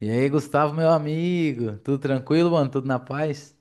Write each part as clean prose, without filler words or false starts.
E aí, Gustavo, meu amigo, tudo tranquilo, mano? Tudo na paz?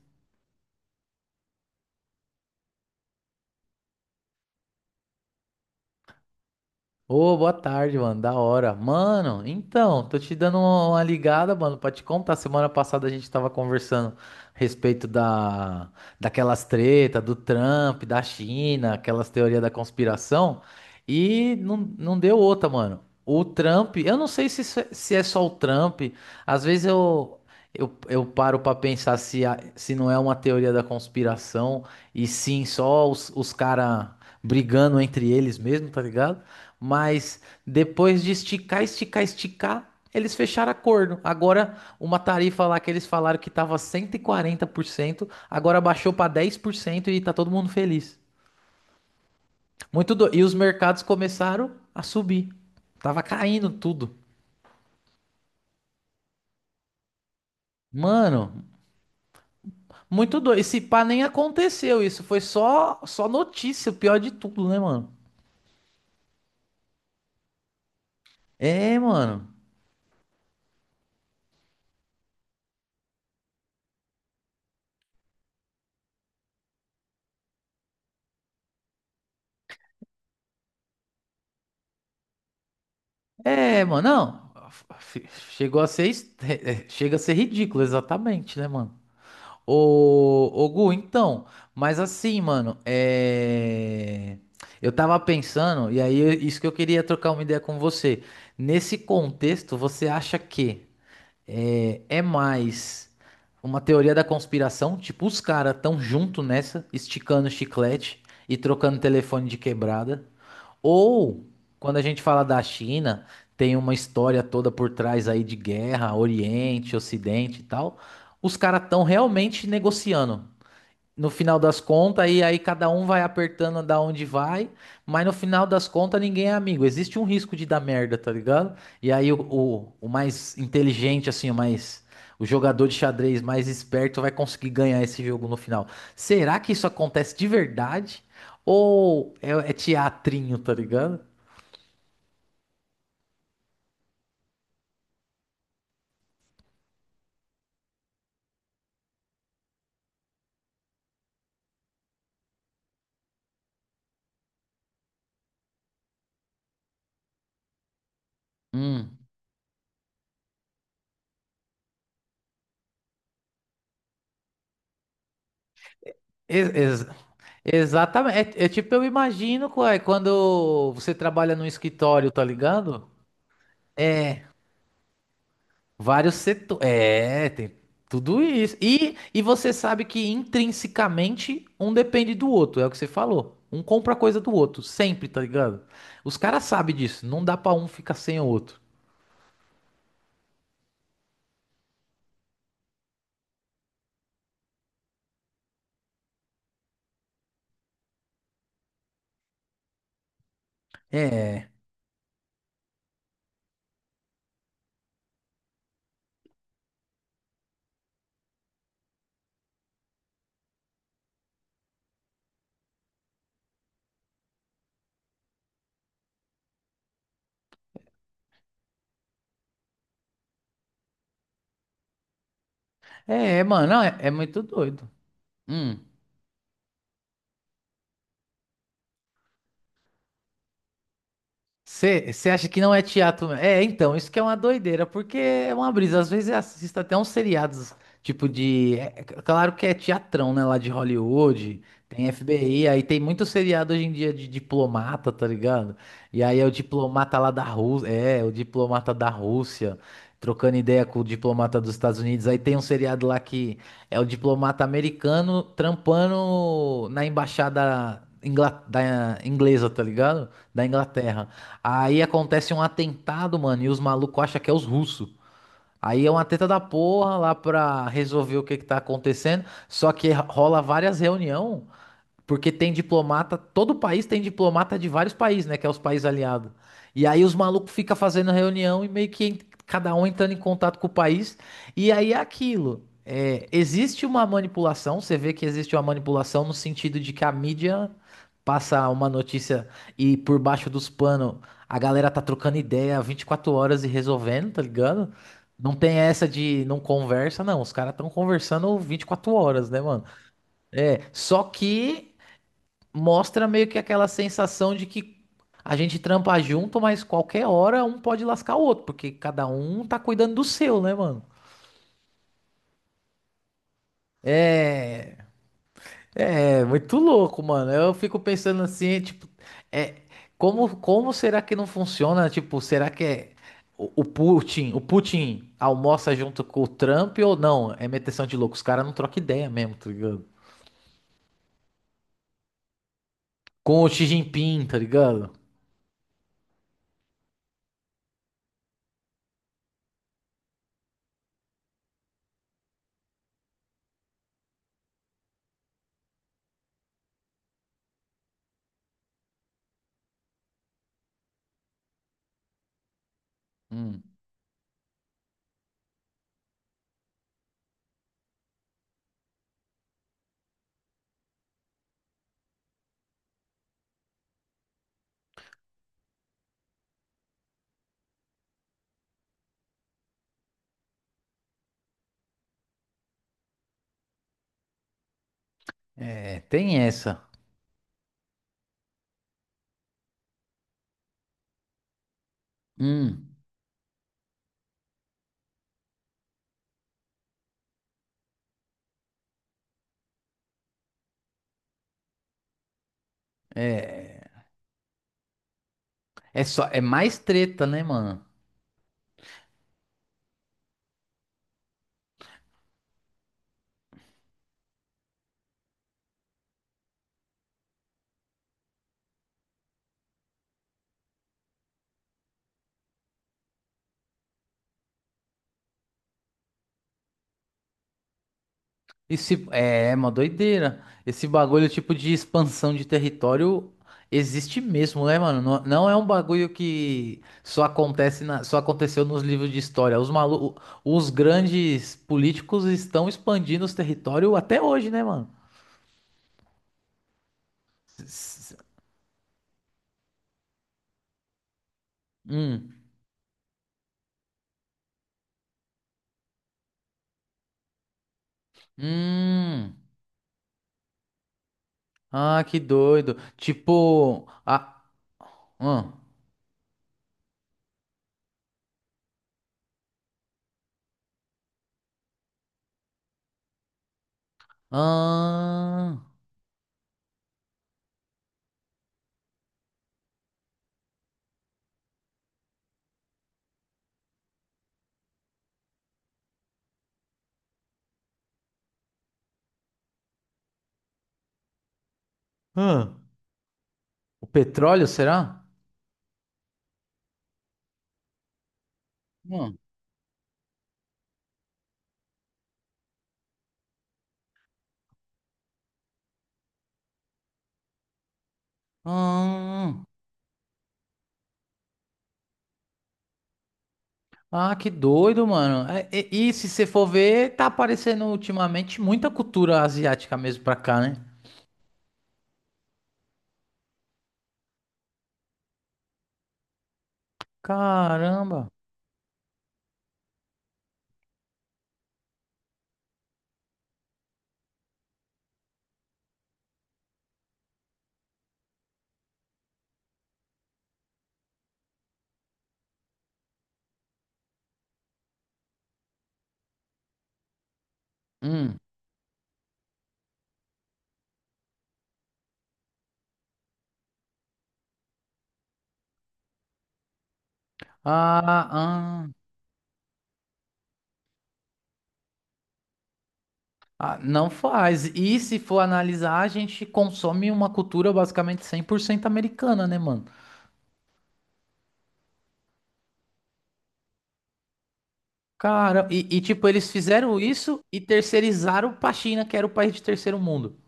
Ô, boa tarde, mano. Da hora. Mano, então, tô te dando uma ligada, mano, pra te contar. Semana passada a gente tava conversando a respeito daquelas treta do Trump, da China, aquelas teorias da conspiração, e não deu outra, mano. O Trump, eu não sei se, se é só o Trump, às eu paro pra pensar se, se não é uma teoria da conspiração, e sim só os caras brigando entre eles mesmo, tá ligado? Mas depois de esticar, esticar, esticar, eles fecharam acordo. Agora, uma tarifa lá que eles falaram que estava 140%, agora baixou para 10% e tá todo mundo feliz. E os mercados começaram a subir. Tava caindo tudo. Mano, muito doido. Esse pá nem aconteceu isso. Foi só notícia, o pior de tudo, né, mano? É, mano. É, mano. Não. F- Chegou a ser. Est- Chega a ser ridículo, exatamente, né, mano? Ô, Gu, então, mas assim, mano, eu tava pensando, e isso que eu queria trocar uma ideia com você. Nesse contexto, você acha que é mais uma teoria da conspiração? Tipo, os caras tão junto nessa, esticando o chiclete e trocando telefone de quebrada? Ou, quando a gente fala da China, tem uma história toda por trás aí de guerra, Oriente, Ocidente e tal. Os caras estão realmente negociando. No final das contas, e aí cada um vai apertando da onde vai, mas no final das contas ninguém é amigo. Existe um risco de dar merda, tá ligado? E aí o mais inteligente, assim, o mais. O jogador de xadrez mais esperto vai conseguir ganhar esse jogo no final. Será que isso acontece de verdade? Ou é teatrinho, tá ligado? Hum. Ex- ex- Exatamente. É, é tipo, eu imagino, ué, quando você trabalha num escritório, tá ligado? Vários setores. É, tem tudo isso. E você sabe que intrinsecamente um depende do outro, é o que você falou. Um compra coisa do outro, sempre, tá ligado? Os caras sabem disso, não dá pra um ficar sem o outro. É, é, mano, não, é muito doido. Hum. Você acha que não é teatro? É, então, isso que é uma doideira, porque é uma brisa. Às vezes eu assisto até uns seriados, é claro que é teatrão, né? Lá de Hollywood, tem FBI, aí tem muito seriado hoje em dia de diplomata, tá ligado? E aí é o diplomata lá da Rússia. É, o diplomata da Rússia, trocando ideia com o diplomata dos Estados Unidos. Aí tem um seriado lá que é o diplomata americano trampando na da inglesa, tá ligado? Da Inglaterra. Aí acontece um atentado, mano, e os malucos acham que é os russos. Aí é uma treta da porra lá pra resolver o que que tá acontecendo. Só que rola várias reuniões porque tem diplomata, todo país tem diplomata de vários países, né? Que é os países aliados. E aí os malucos ficam fazendo reunião e meio cada um entrando em contato com o país. E aí é aquilo. É, existe uma manipulação, você vê que existe uma manipulação no sentido de que a mídia passa uma notícia e por baixo dos panos a galera tá trocando ideia 24 horas e resolvendo, tá ligado? Não tem essa de não conversa, não. Os caras estão conversando 24 horas, né, mano? Só que mostra meio que aquela sensação de que a gente trampa junto, mas qualquer hora um pode lascar o outro, porque cada um tá cuidando do seu, né, mano? É, é muito louco, mano. Eu fico pensando assim, é, tipo, é, como, como será que não funciona? Tipo, será que é o Putin almoça junto com o Trump ou não? É meteção de louco. Os caras não trocam ideia mesmo, tá ligado? Com o Xi Jinping, tá ligado? Hum, é, tem essa. Hum, é. É só, é mais treta, né, mano? Esse, é, é uma doideira. Esse bagulho, tipo, de expansão de território existe mesmo, né, mano? Não, não é um bagulho que só acontece na, só aconteceu nos livros de história. Os grandes políticos estão expandindo os territórios até hoje, né, mano? S- s- Hum. Hum. Ah, que doido. Tipo, ah, ah, ah, ah. O petróleo, será? Hum, ah, que doido, mano. É, e se você for ver, tá aparecendo ultimamente muita cultura asiática mesmo pra cá, né? Caramba. Hum. Ah, ah, não faz. E se for analisar, a gente consome uma cultura basicamente 100% americana, né, mano? Cara, e, tipo, eles fizeram isso e terceirizaram pra China, que era o país de terceiro mundo.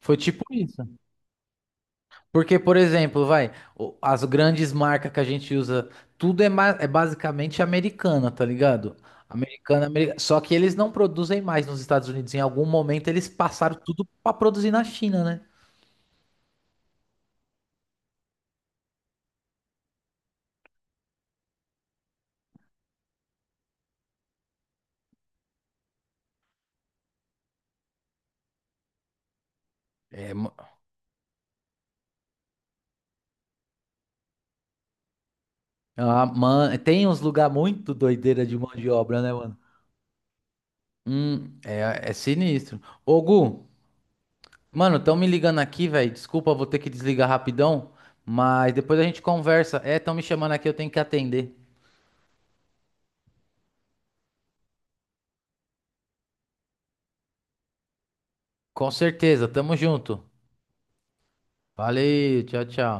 Foi tipo isso. Porque, por exemplo, vai, as grandes marcas que a gente usa, tudo é, é basicamente americana, tá ligado? Americana, só que eles não produzem mais nos Estados Unidos. Em algum momento eles passaram tudo pra produzir na China, né? É, mo- ah, tem uns lugar muito doideira de mão de obra, né, mano? É, é sinistro. Ô, Gu, mano, tão me ligando aqui, velho. Desculpa, vou ter que desligar rapidão, mas depois a gente conversa. É, tão me chamando aqui, eu tenho que atender. Com certeza, tamo junto. Valeu, tchau, tchau.